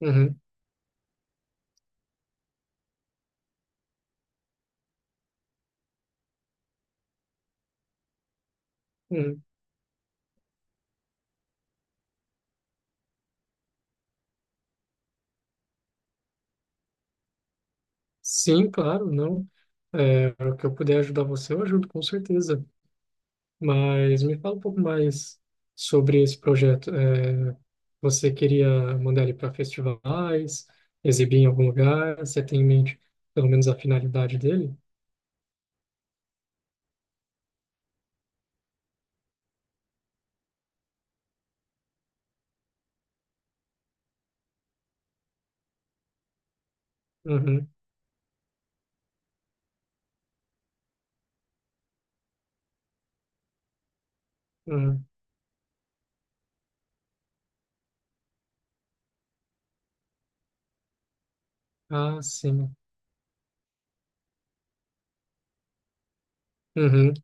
Uhum, uhum. Sim, claro, não. O que eu puder ajudar você, eu ajudo, com certeza. Mas me fala um pouco mais sobre esse projeto. Você queria mandar ele para festivais, exibir em algum lugar? Você tem em mente pelo menos a finalidade dele? Uhum, uhum. Ah, sim. Uhum,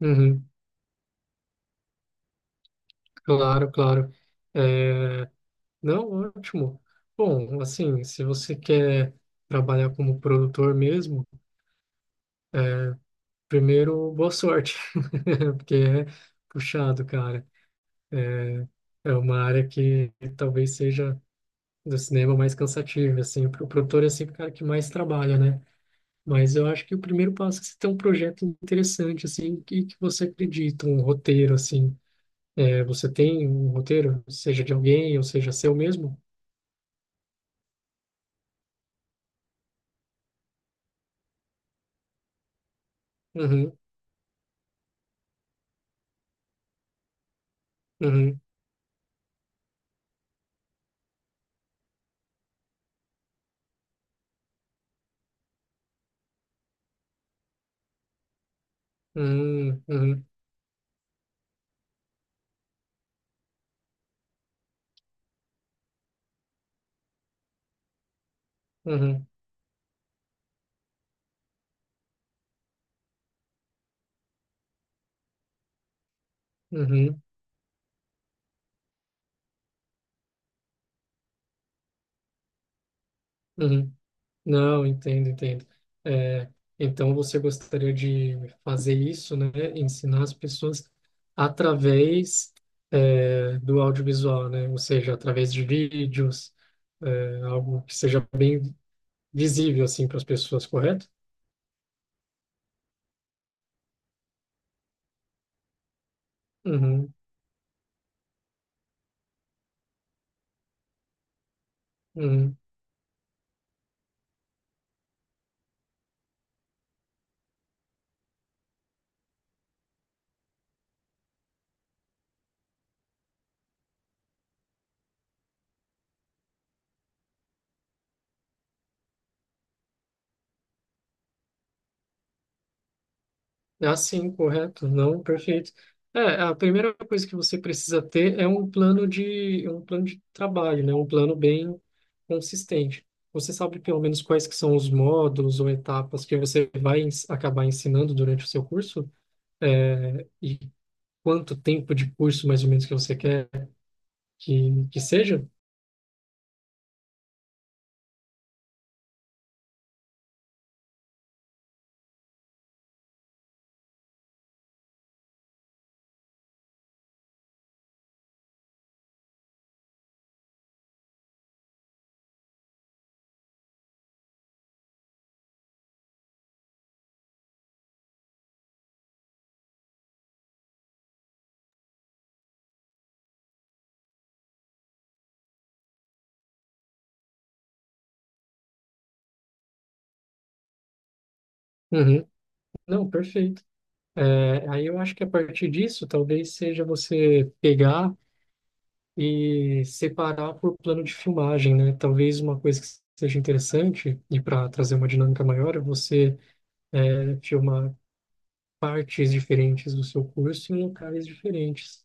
uhum. Claro, claro. É, não, ótimo. Bom, assim, se você quer trabalhar como produtor mesmo, é, Primeiro, boa sorte, porque é puxado, cara. É uma área que talvez seja do cinema mais cansativa, assim. O produtor é sempre o cara que mais trabalha, né? Mas eu acho que o primeiro passo é você ter um projeto interessante, assim, que você acredita, um roteiro, assim. Você tem um roteiro, seja de alguém ou seja seu mesmo? Uhum, uhum, uhum, uhum, uhum, uhum, uhum. Não, entendo, entendo. É, então você gostaria de fazer isso, né? Ensinar as pessoas através, do audiovisual, né? Ou seja, através de vídeos, algo que seja bem visível assim para as pessoas, correto? Uhum, uhum. Ah, sim, correto. Não, perfeito. A primeira coisa que você precisa ter é um plano de trabalho, né? Um plano bem consistente. Você sabe pelo menos quais que são os módulos ou etapas que você vai acabar ensinando durante o seu curso? É, E quanto tempo de curso mais ou menos que você quer que seja? Uhum. Não, perfeito. Aí eu acho que a partir disso, talvez seja você pegar e separar por plano de filmagem, né? Talvez uma coisa que seja interessante, e para trazer uma dinâmica maior, é você filmar partes diferentes do seu curso em locais diferentes.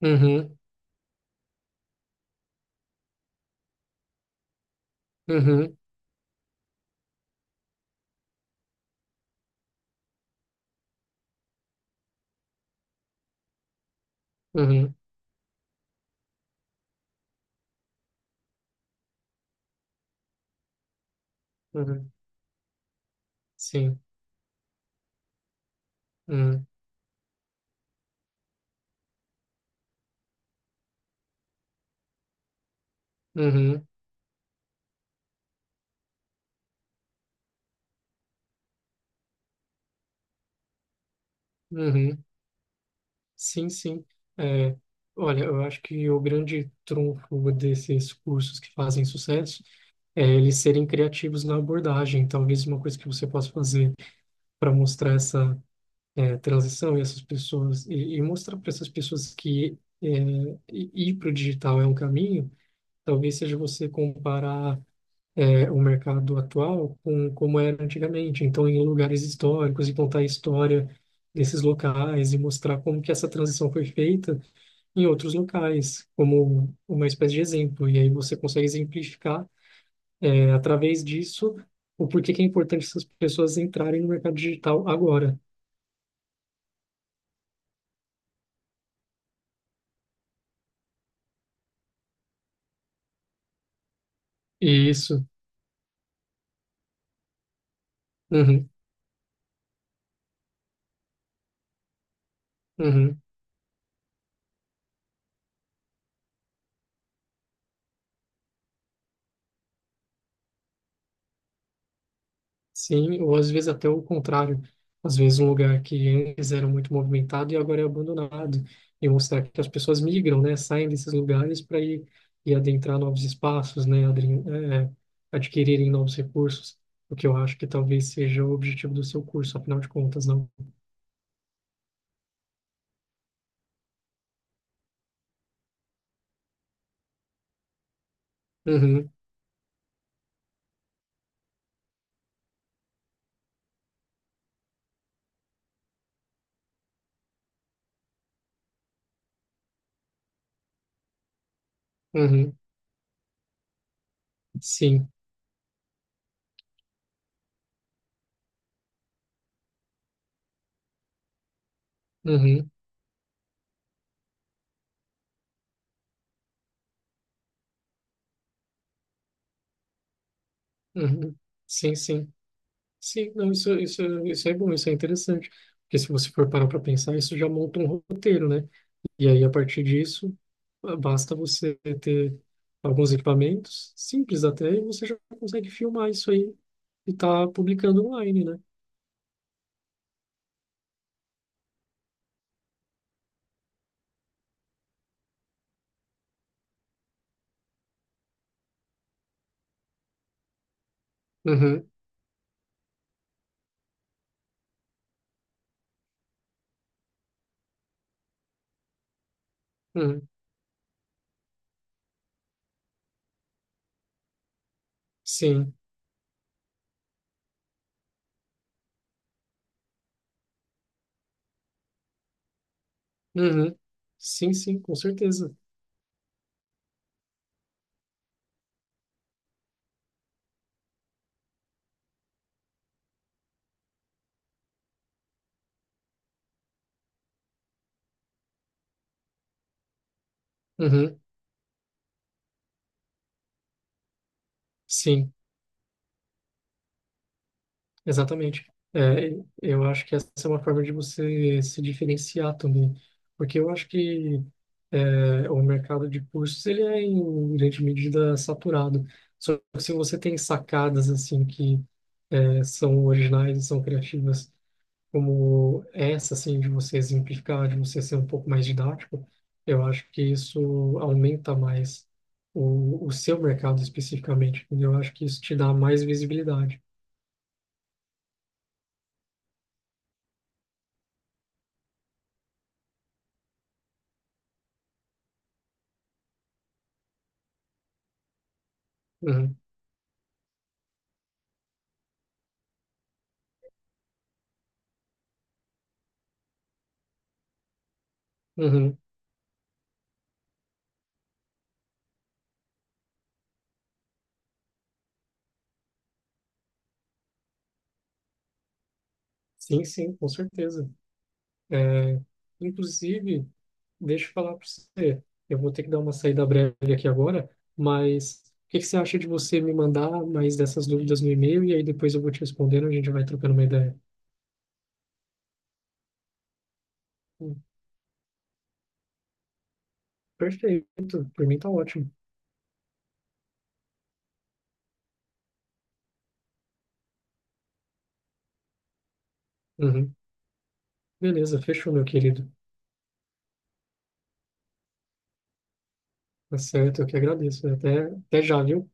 Uhum, uhum, uhum, uhum, sim, uhum, uhum, uhum, sim, sim. É, olha, eu acho que o grande trunfo desses cursos que fazem sucesso é eles serem criativos na abordagem. Talvez uma coisa que você possa fazer para mostrar essa transição e essas pessoas e mostrar para essas pessoas que ir para o digital é um caminho, talvez seja você comparar o mercado atual com como era antigamente, então em lugares históricos e contar a história desses locais e mostrar como que essa transição foi feita em outros locais, como uma espécie de exemplo. E aí você consegue exemplificar através disso o porquê que é importante essas pessoas entrarem no mercado digital agora. Isso. Uhum, uhum. Sim, ou às vezes até o contrário. Às vezes um lugar que antes era muito movimentado e agora é abandonado. E mostrar que as pessoas migram, né? Saem desses lugares para ir, adentrar novos espaços, né? É, Adquirirem novos recursos. O que eu acho que talvez seja o objetivo do seu curso, afinal de contas, não? Uhum, uhum, sim, uhum, uhum, sim, sim, sim, não, isso é bom, isso é interessante, porque se você for parar para pensar, isso já monta um roteiro, né? E aí, a partir disso, basta você ter alguns equipamentos, simples até, e você já consegue filmar isso aí e tá publicando online, né? Uhum, uhum, sim. Uhum, sim, sim, com certeza. Uhum, sim. Exatamente. É, eu acho que essa é uma forma de você se diferenciar também, porque eu acho que o mercado de cursos ele é em grande medida saturado. Só que se você tem sacadas assim que são originais, são criativas, como essa assim de você exemplificar, de você ser um pouco mais didático, eu acho que isso aumenta mais o seu mercado especificamente. Entendeu? Eu acho que isso te dá mais visibilidade. Uhum. Uhum. Sim, sim, com certeza. É, inclusive, deixa eu falar para você, eu vou ter que dar uma saída breve aqui agora, mas o que que você acha de você me mandar mais dessas dúvidas no e-mail e aí depois eu vou te respondendo, a gente vai trocando uma ideia. Hum. Perfeito, por mim tá ótimo. Uhum. Beleza, fechou, meu querido. Tá certo, eu que agradeço. Até, até já, viu?